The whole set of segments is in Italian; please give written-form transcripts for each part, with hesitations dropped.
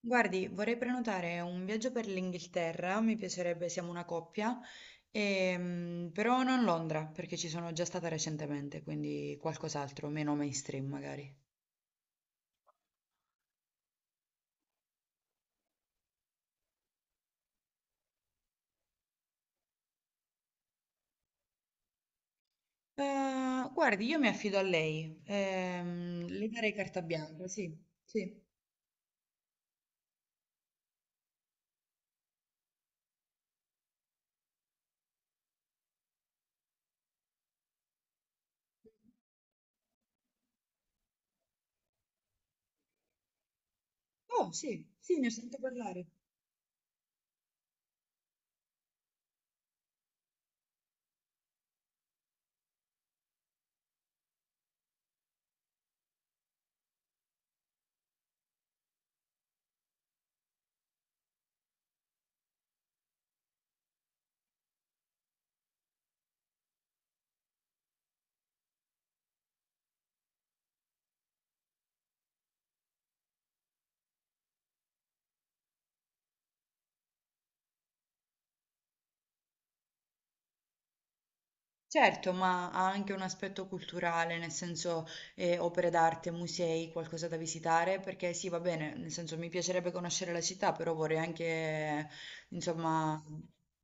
Guardi, vorrei prenotare un viaggio per l'Inghilterra, mi piacerebbe, siamo una coppia, però non Londra, perché ci sono già stata recentemente, quindi qualcos'altro, meno mainstream magari. Guardi, io mi affido a lei, le darei carta bianca, sì, sì. Oh, sì, sì, ne ho sentito parlare. Certo, ma ha anche un aspetto culturale, nel senso opere d'arte, musei, qualcosa da visitare, perché sì, va bene, nel senso mi piacerebbe conoscere la città, però vorrei anche, insomma,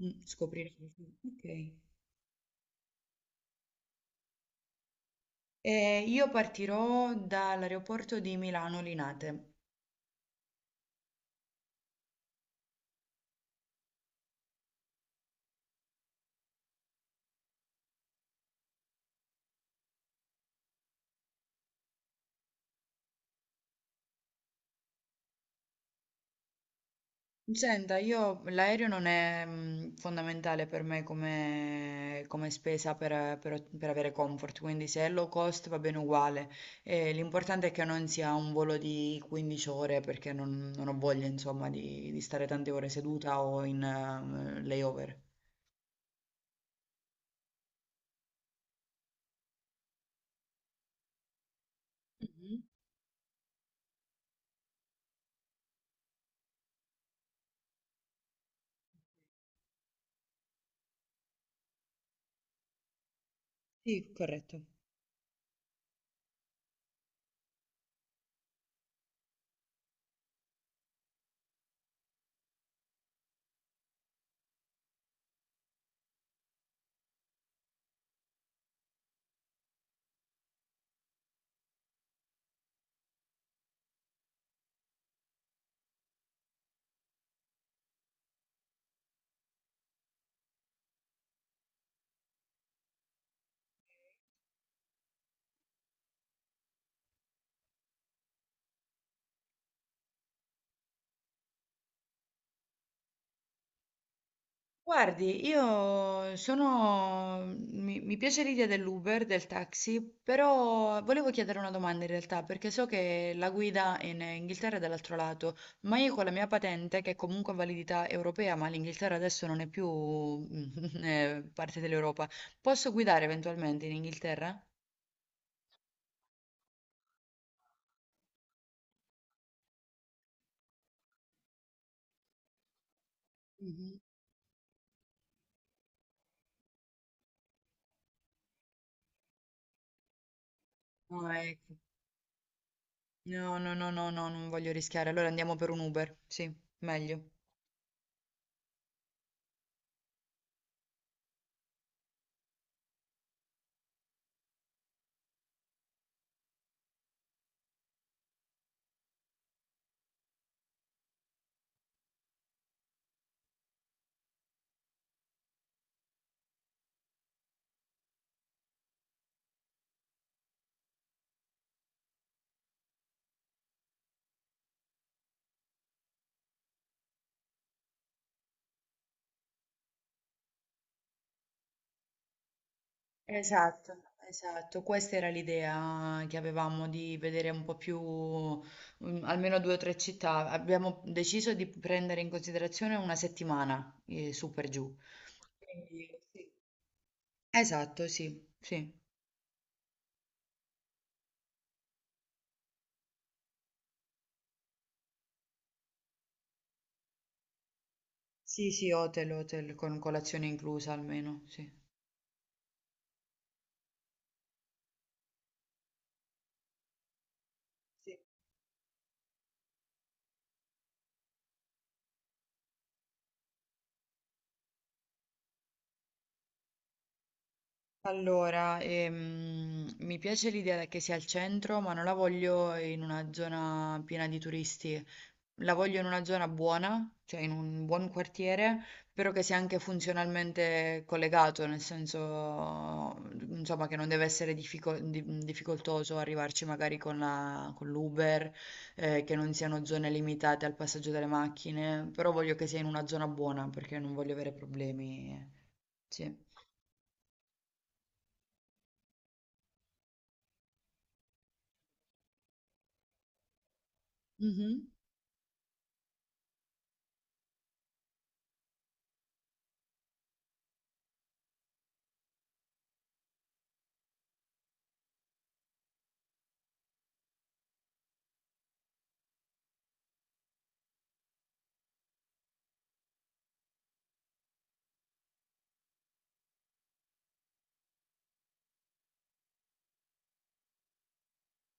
mm, scoprire. Ok. E io partirò dall'aeroporto di Milano Linate. Senta, io l'aereo non è fondamentale per me come, come spesa per, per avere comfort, quindi se è low cost va bene uguale. L'importante è che non sia un volo di 15 ore perché non, non ho voglia, insomma, di stare tante ore seduta o in layover. Mhm. Sì, corretto. Guardi, io sono... mi piace l'idea dell'Uber, del taxi, però volevo chiedere una domanda in realtà, perché so che la guida in Inghilterra è dall'altro lato, ma io con la mia patente, che è comunque a validità europea, ma l'Inghilterra adesso non è più parte dell'Europa, posso guidare eventualmente in Inghilterra? Mhm. No, ecco. No, no, no, no, no, non voglio rischiare, allora andiamo per un Uber, sì, meglio. Esatto, esatto, questa era l'idea che avevamo di vedere un po' più, mm, almeno due o tre città. Abbiamo deciso di prendere in considerazione una settimana, su per giù. Quindi, sì. Esatto, sì, sì. Sì, sì, hotel, hotel, con colazione inclusa almeno, sì. Sì. Allora, mi piace l'idea che sia al centro, ma non la voglio in una zona piena di turisti. La voglio in una zona buona, cioè in un buon quartiere, però che sia anche funzionalmente collegato, nel senso, insomma, che non deve essere difficoltoso arrivarci magari con con l'Uber, che non siano zone limitate al passaggio delle macchine, però voglio che sia in una zona buona perché non voglio avere problemi. Sì. Mhm.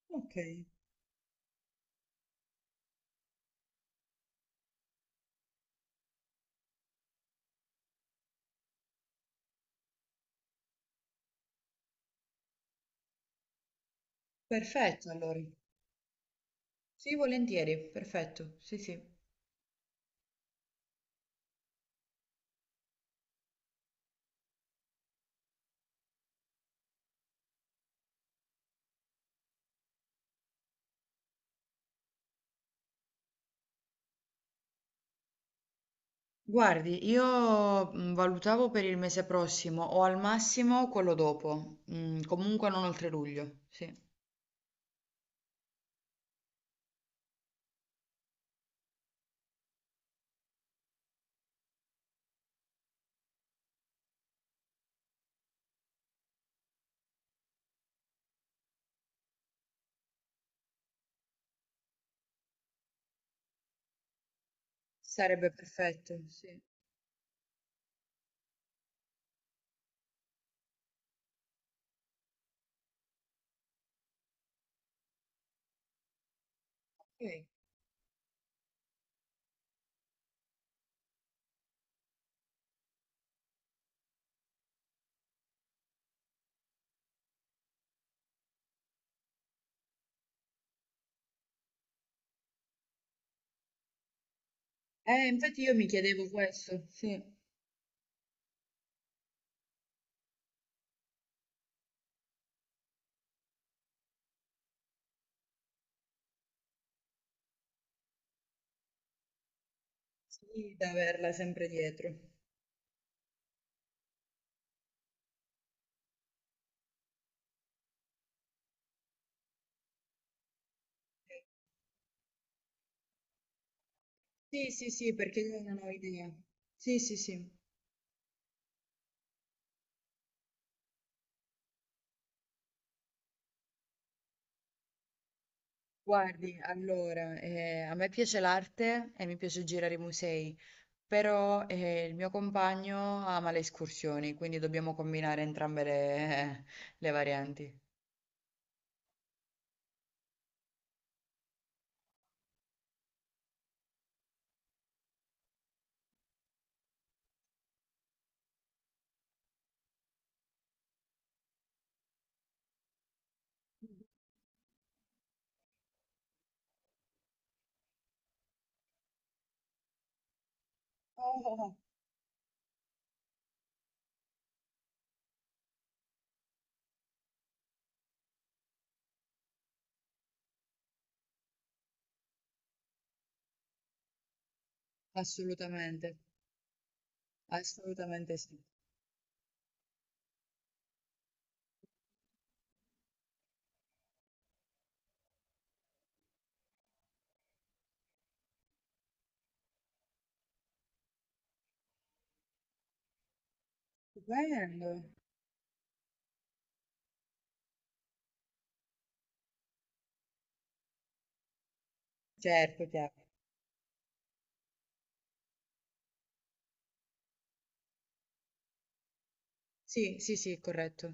Ok. Perfetto, allora. Sì, volentieri, perfetto. Sì, sì. Guardi, io valutavo per il mese prossimo o al massimo quello dopo, mm, comunque non oltre luglio, sì. Sarebbe perfetto, sì. Ok. Infatti io mi chiedevo questo, sì. Sì, da averla sempre dietro. Sì, sì, sì, perché io non ho idea. Sì, sì, sì. Guardi, allora, a me piace l'arte e mi piace girare i musei, però il mio compagno ama le escursioni, quindi dobbiamo combinare entrambe le le varianti. Oh, oh, oh, assolutamente, assolutamente sì. Stupendo. Certo, chiaro. Sì, sì, sì, corretto.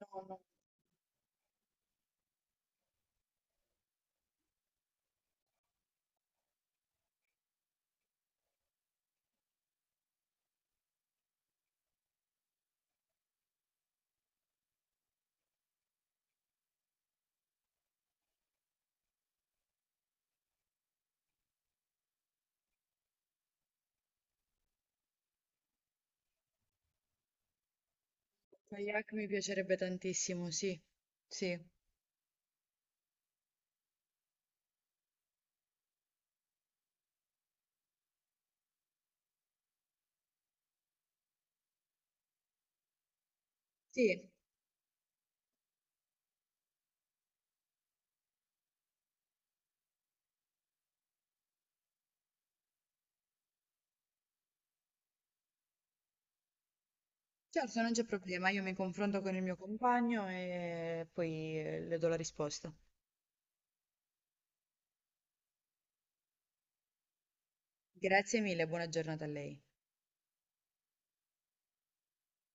No, no, kayak mi piacerebbe tantissimo, sì, sì, sì, certo, non c'è problema, io mi confronto con il mio compagno e poi le do la risposta. Grazie mille, buona giornata a lei.